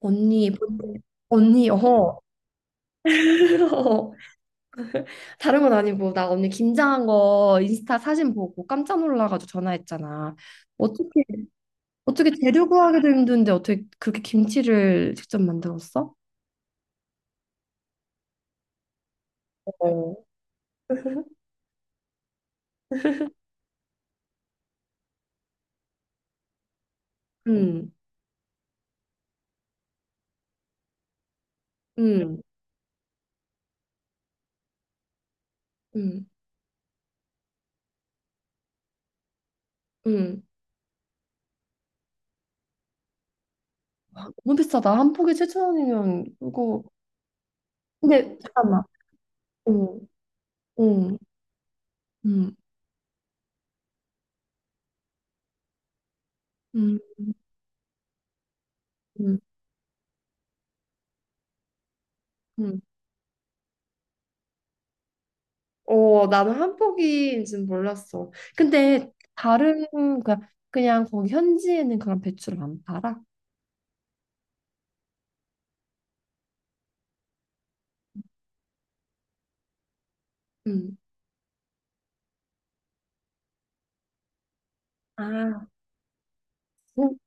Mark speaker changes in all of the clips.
Speaker 1: 언니, 뭔데? 언니, 다른 건 아니고, 나 언니 김장한 거 인스타 사진 보고 깜짝 놀라가지고 전화했잖아. 어떻게, 어떻게 재료 구하기도 힘든데 어떻게 그렇게 김치를 직접 만들었어? 어. 응, 응, 응, 응. 너무 비싸다. 한 포기 칠천 원이면, 그거. 근데, 잠깐만. 응, 응, 응, 응, 응. 어, 나는 한복인 는 몰랐어. 근데 다른 그냥, 그냥 거기 현지에는 그런 배추를 안 팔아? 응. 아, 응.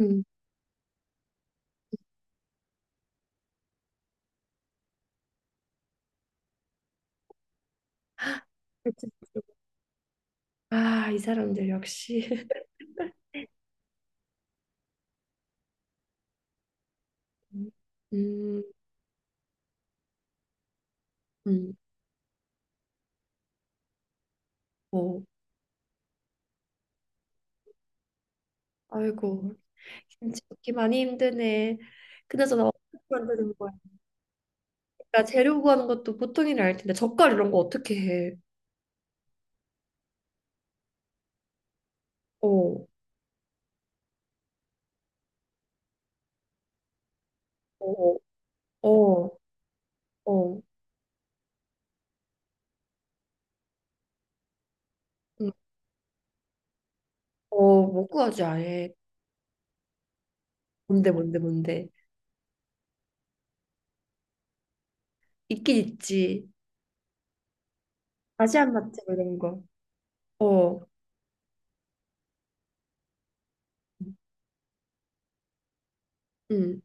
Speaker 1: 응. 그치. 아, 이 사람들 역시. 음, 음. 어, 아이고. 김치 먹기 많이 힘드네. 그나저나 어떻게 만드는 거야? 그러니까 재료 구하는 것도 보통 일이 아닐 텐데 젓갈 이런 거 어떻게 해? 어, 어, 어, 어, 응. 어, 못 구하지 아예. 뭔데. 있긴 있지. 아시안 마트 뭐 이런 거. 어, 응,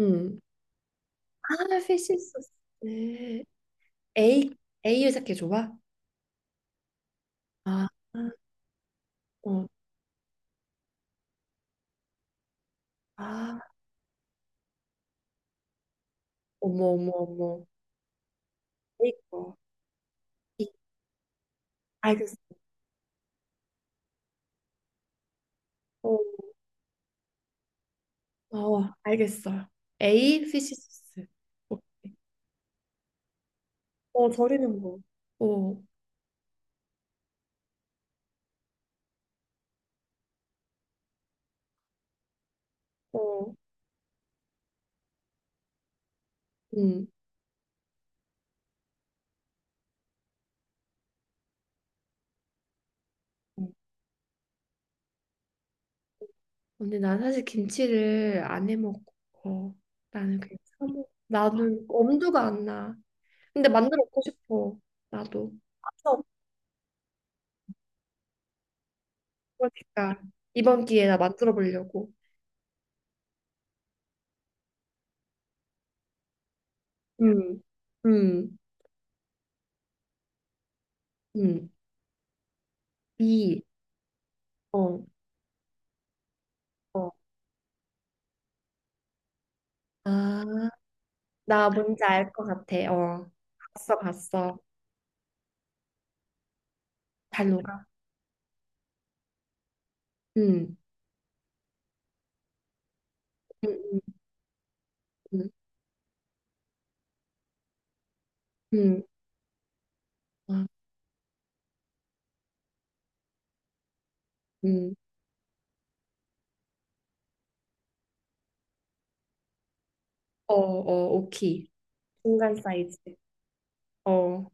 Speaker 1: 응. 아, 피쉬 소스. 네. A, A 회사께 줘봐. 아, 어, 아, 어머. A 거. 이- 알겠어. 어, 어, 알겠어. A 피쉬 소스. 오케이. 어, 절이는 거. 어, 어, 응. 응. 근데 난 사실 김치를 안 해 먹고, 나는 그냥 사 먹. 나는 엄두가 안 나. 근데 만들어 보고 싶어. 나도. 어, 그러니까 이번 기회에 나 만들어 보려고. 음. 음. 음. 비. 어. 어. 아, 나 뭔지 알 것 같아. 어. 봤어. 잘 녹아. 음. 음. 음. 음. 음. 아, 음. 오키. 중간 사이즈. 어.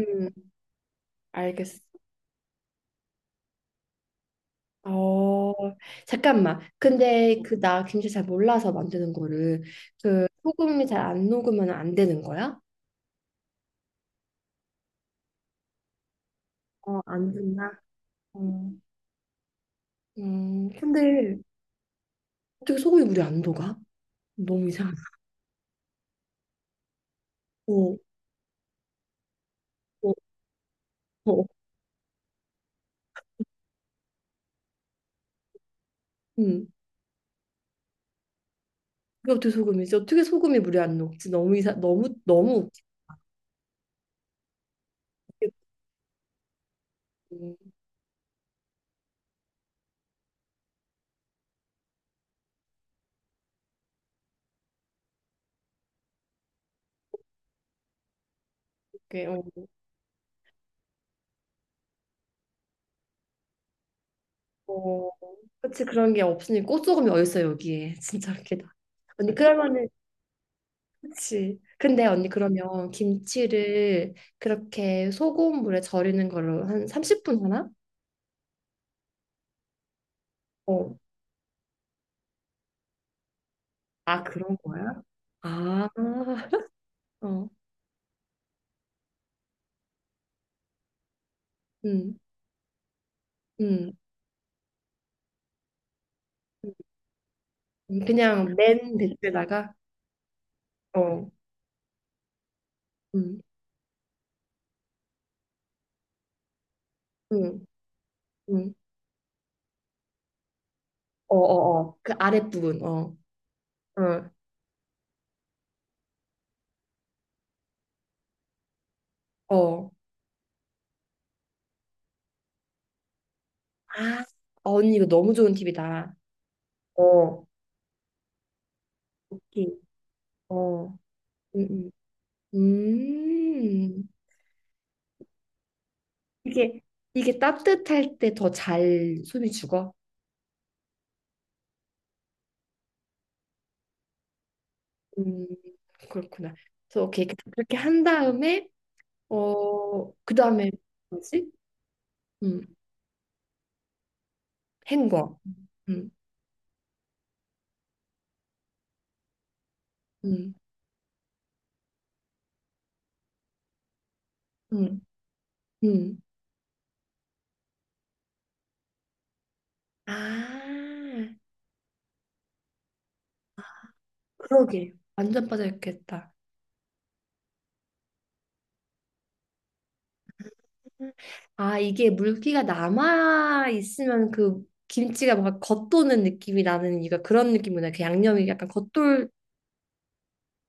Speaker 1: 음. 알겠어. 어, 잠깐만. 근데 그 나 김치 잘 몰라서 만드는 거를 그 소금이 잘 안 녹으면 안 되는 거야? 어, 안 된다. 어. 근데 어떻게 소금이 물이 안 녹아? 너무 이상하다. 어, 어, 어. 음. 그게 어떻게 소금이지? 어떻게 소금이 물이 안 녹지? 너무 너무 웃기게고 그게, 어, 어. 그치 그런 게 없으니 꽃소금이 어딨어 여기에. 진짜 웃기다. 언니 그러면은 그치. 근데 언니 그러면 김치를 그렇게 소고물에 절이는 걸로 한 30분 하나? 어. 아, 그런 거야? 아, 어. 음, 음. 그냥 맨 밑에다가 어. 음, 음, 음. 어. 그 아랫부분. 어. 어. 어. 아, 언니 이거 너무 좋은 팁이다. 어. 오케이. 어. 음, 음. 음. 이게 이게 따뜻할 때 더 잘 손이 죽어. 음, 그렇구나. 그래서 오케이 그렇게 한 다음에 어 그다음에 뭐지? 음, 헹궈. 음, 음, 음, 음. 아, 그러게. 완전 빠져 있겠다. 아, 이게 물기가 남아 있으면 그 김치가 뭔가 겉도는 느낌이 나는 이유가 그런 느낌이구나. 그 양념이 약간 겉돌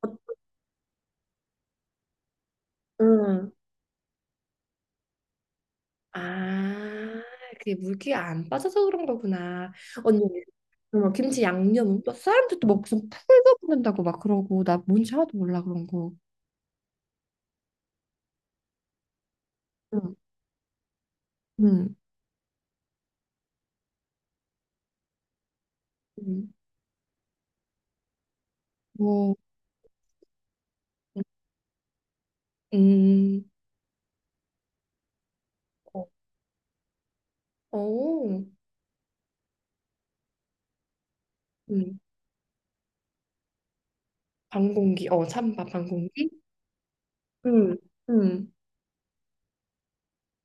Speaker 1: 겉, 음. 아, 그게 물기가 안 빠져서 그런 거구나. 언니, 그러면 김치 양념은 또 사람들 또막 무슨 풀도 붓는다고 막 그러고 나 뭔지 하나도 몰라 그런 거. 응, 응, 응. 뭐, 음, 어, 어, 음, 반공기, 어, 찬밥 반공기. 응, 응,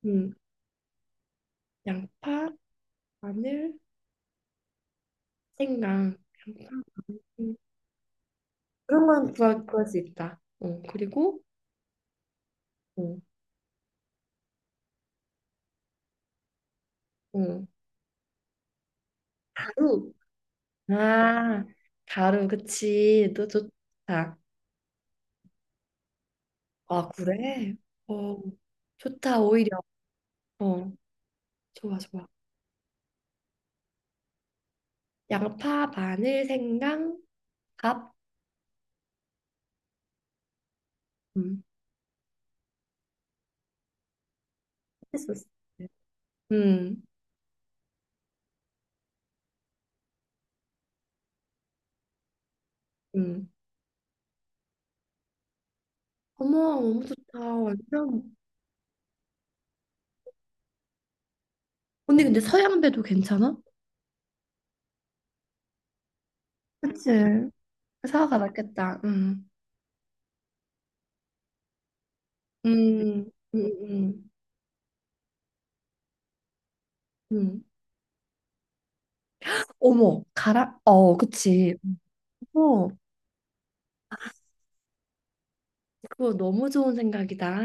Speaker 1: 응. 양파, 마늘, 생강, 양파. 음. 그런 건 구할 구할 수 있다. 어, 그리고, 어, 어, 가루. 아, 가루, 그치. 너 좋다. 아, 그래? 어, 좋다, 오히려. 어, 좋아. 양파, 마늘, 생강, 밥. 음, 소스. 음, 음. 어머, 너무 좋다. 완전. 언니, 근데 서양배도 괜찮아? 그치. 사과가 낫겠다. 음, 음, 음. 음. 어머, 가라. 어, 그치. 어, 그거 너무 좋은 생각이다.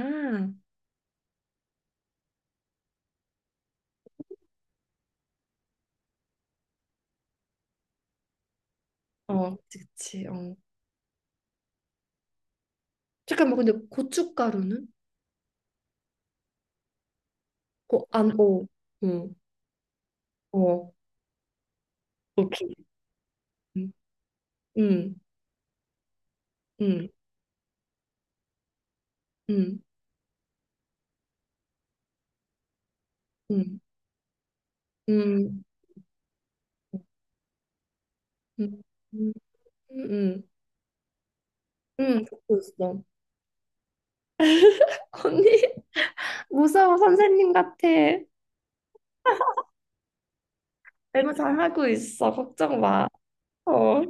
Speaker 1: 어, 그치. 어. 잠깐만, 근데 고춧가루는? 어, 안, 어, 어, 어, 오케이. 음, 음, 음, 음, 음, 음, 음, 음, 음, 음, 듣고 있어. 언니, 무서워, 선생님 같아. 너무 잘하고 있어, 걱정 마. 어,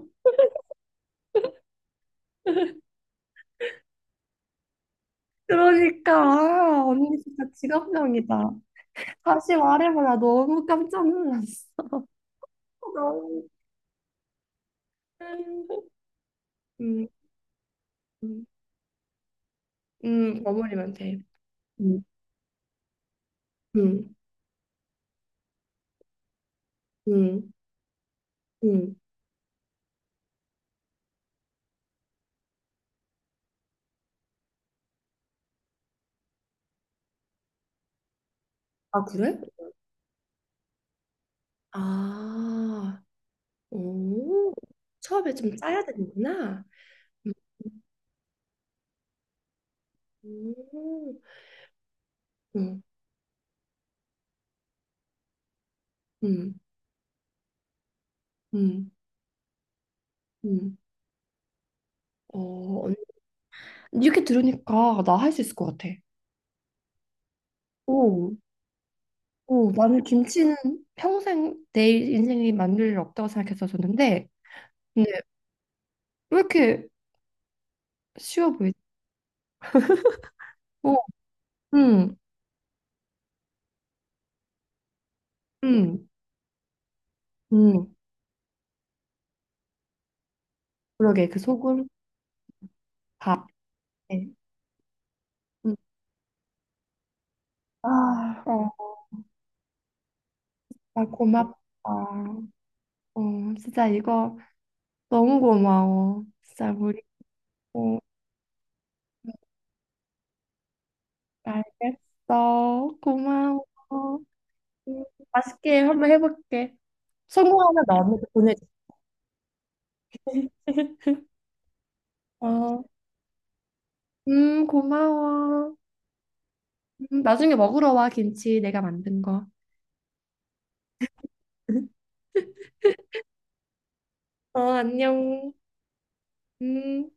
Speaker 1: 그러니까, 아, 언니 진짜 직업병이다. 다시 말해봐라, 너무 깜짝 놀랐어. 너무, 음, 음, 버무리면 돼. 음, 음, 음. 음. 아, 그래? 아, 오, 처음에 좀 짜야 되는구나. 음, 음, 음, 음, 음. 어, 언- 이렇게 들으니까 나 할 수 있을 것 같아. 오, 오, 나는 김치는 평생 내 인생이 만들 일 없다고 생각했었었는데, 근데 왜 이렇게 쉬워 보이지? 오, 음, 음, 음. 그러게, 그 소금, 밥. 네. 음. 아, 어, 아, 고맙다. 어, 진짜 이거. 너무 고마워. 진짜 우리 꼭 알겠어. 고마워. 음, 맛있게 한번 해볼게. 성공하면 너한테 보내줘 어, 고마워. 나중에 먹으러 와, 김치 내가 만든 거. 어, 안녕. 음.